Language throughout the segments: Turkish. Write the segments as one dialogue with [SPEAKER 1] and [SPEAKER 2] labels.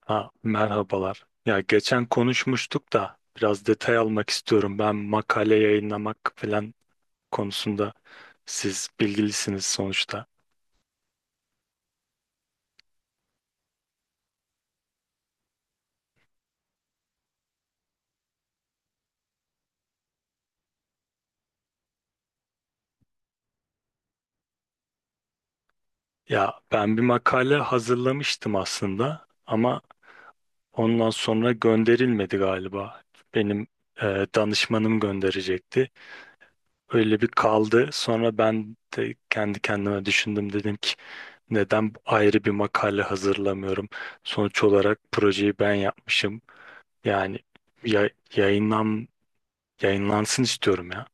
[SPEAKER 1] Ha, merhabalar. Ya geçen konuşmuştuk da biraz detay almak istiyorum. Ben makale yayınlamak falan konusunda siz bilgilisiniz sonuçta. Ya ben bir makale hazırlamıştım aslında ama ondan sonra gönderilmedi galiba. Benim danışmanım gönderecekti. Öyle bir kaldı. Sonra ben de kendi kendime düşündüm dedim ki neden ayrı bir makale hazırlamıyorum? Sonuç olarak projeyi ben yapmışım. Yani ya, yayınlan yayınlansın istiyorum ya.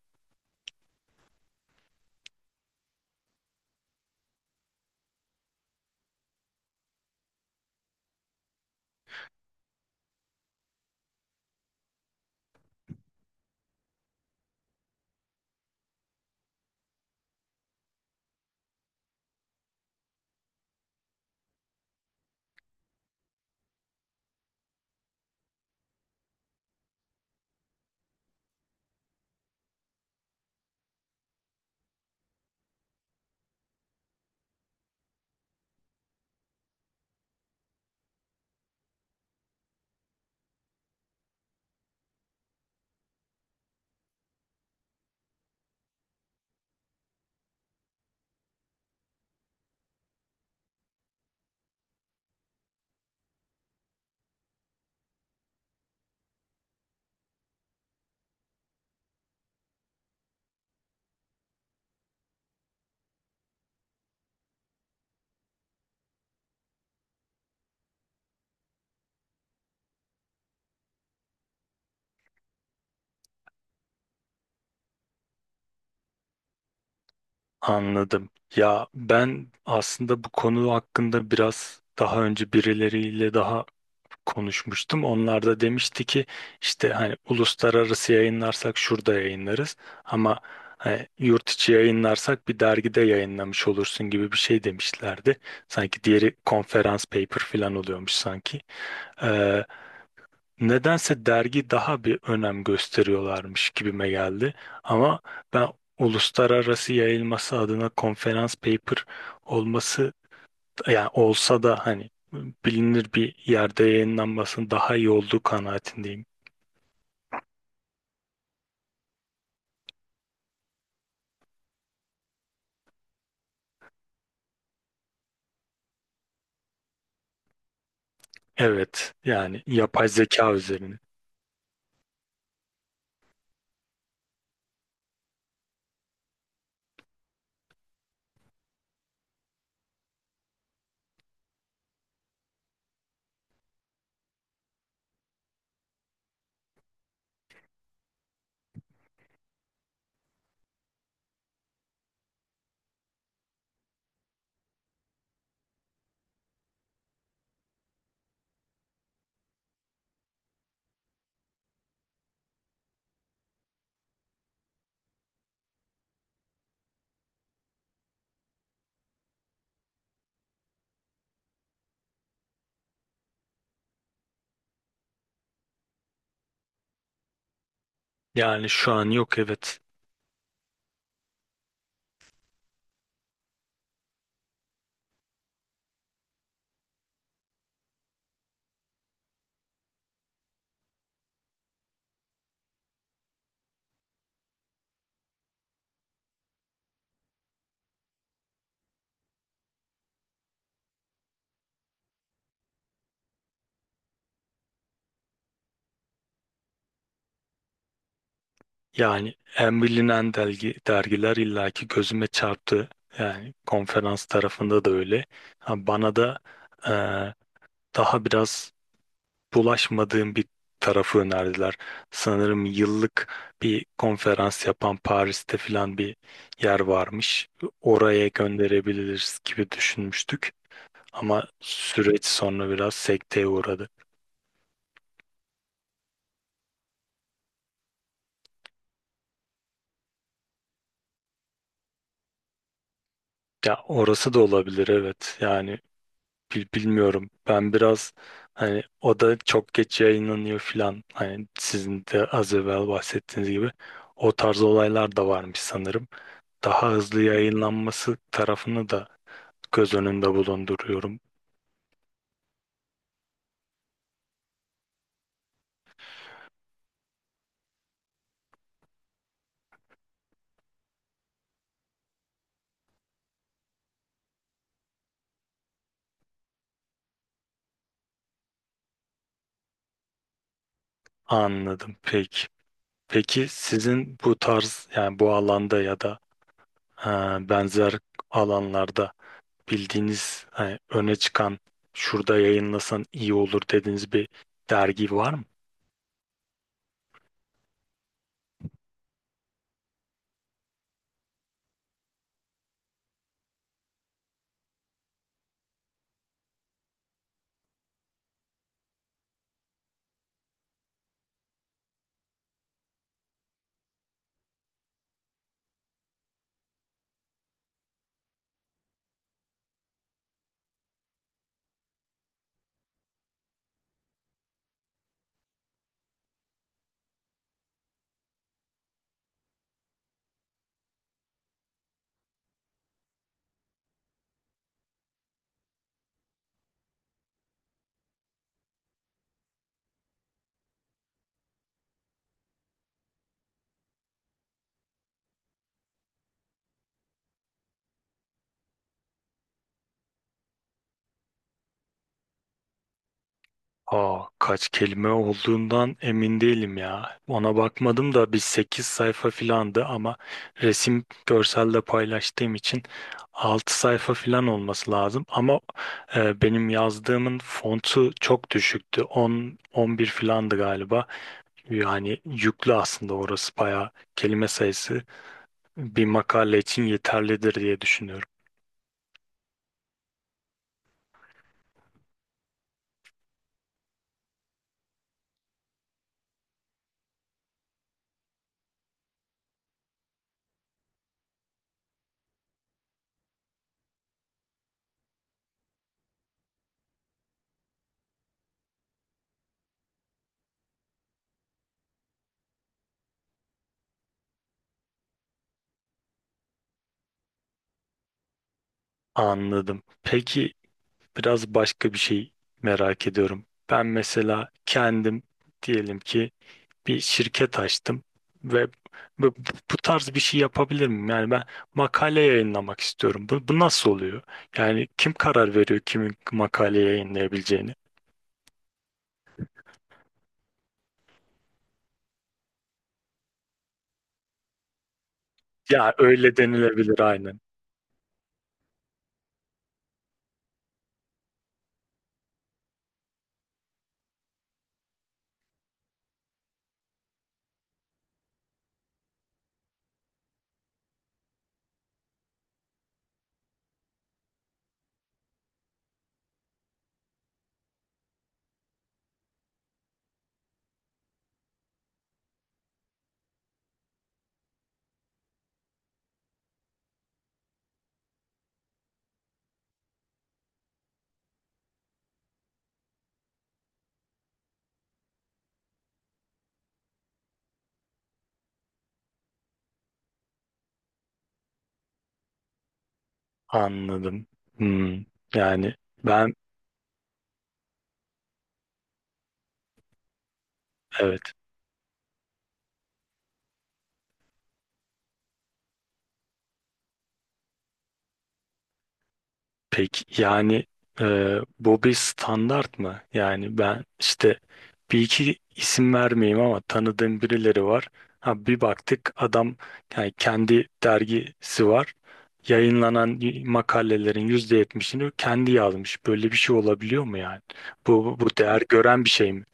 [SPEAKER 1] Anladım. Ya ben aslında bu konu hakkında biraz daha önce birileriyle daha konuşmuştum. Onlar da demişti ki işte hani uluslararası yayınlarsak şurada yayınlarız ama hani yurt içi yayınlarsak bir dergide yayınlamış olursun gibi bir şey demişlerdi. Sanki diğeri konferans paper falan oluyormuş sanki. Nedense dergi daha bir önem gösteriyorlarmış gibime geldi. Ama ben uluslararası yayılması adına konferans paper olması yani olsa da hani bilinir bir yerde yayınlanmasının daha iyi olduğu kanaatindeyim. Evet yani yapay zeka üzerine. Yani şu an yok, evet. Yani en bilinen dergi, dergiler illaki gözüme çarptı. Yani konferans tarafında da öyle. Ha, bana da eee, daha biraz bulaşmadığım bir tarafı önerdiler. Sanırım yıllık bir konferans yapan Paris'te filan bir yer varmış. Oraya gönderebiliriz gibi düşünmüştük. Ama süreç sonra biraz sekteye uğradı. Ya orası da olabilir, evet. Yani bilmiyorum. Ben biraz hani o da çok geç yayınlanıyor filan. Hani sizin de az evvel bahsettiğiniz gibi o tarz olaylar da varmış sanırım. Daha hızlı yayınlanması tarafını da göz önünde bulunduruyorum. Anladım. Peki. Peki sizin bu tarz yani bu alanda ya da e, benzer alanlarda bildiğiniz öne çıkan şurada yayınlasan iyi olur dediğiniz bir dergi var mı? Aa, kaç kelime olduğundan emin değilim ya. Ona bakmadım da bir 8 sayfa filandı ama resim görselde paylaştığım için 6 sayfa filan olması lazım. Ama benim yazdığımın fontu çok düşüktü. On 11 filandı galiba. Yani yüklü aslında orası bayağı kelime sayısı bir makale için yeterlidir diye düşünüyorum. Anladım. Peki biraz başka bir şey merak ediyorum. Ben mesela kendim diyelim ki bir şirket açtım ve bu, bu tarz bir şey yapabilir miyim? Yani ben makale yayınlamak istiyorum. Bu nasıl oluyor? Yani kim karar veriyor kimin makale yayınlayabileceğini? Ya öyle denilebilir aynen. Anladım. Hmm. Yani ben evet. Peki yani bu bir standart mı? Yani ben işte bir iki isim vermeyeyim ama tanıdığım birileri var. Ha, bir baktık adam yani kendi dergisi var. Yayınlanan makalelerin %70'ini kendi yazmış. Böyle bir şey olabiliyor mu yani? Bu değer gören bir şey mi?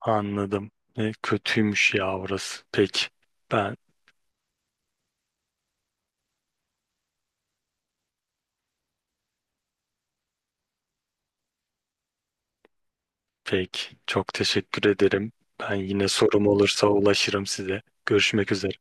[SPEAKER 1] Anladım. E, kötüymüş ya orası. Peki. Ben peki. Çok teşekkür ederim. Ben yine sorum olursa ulaşırım size. Görüşmek üzere.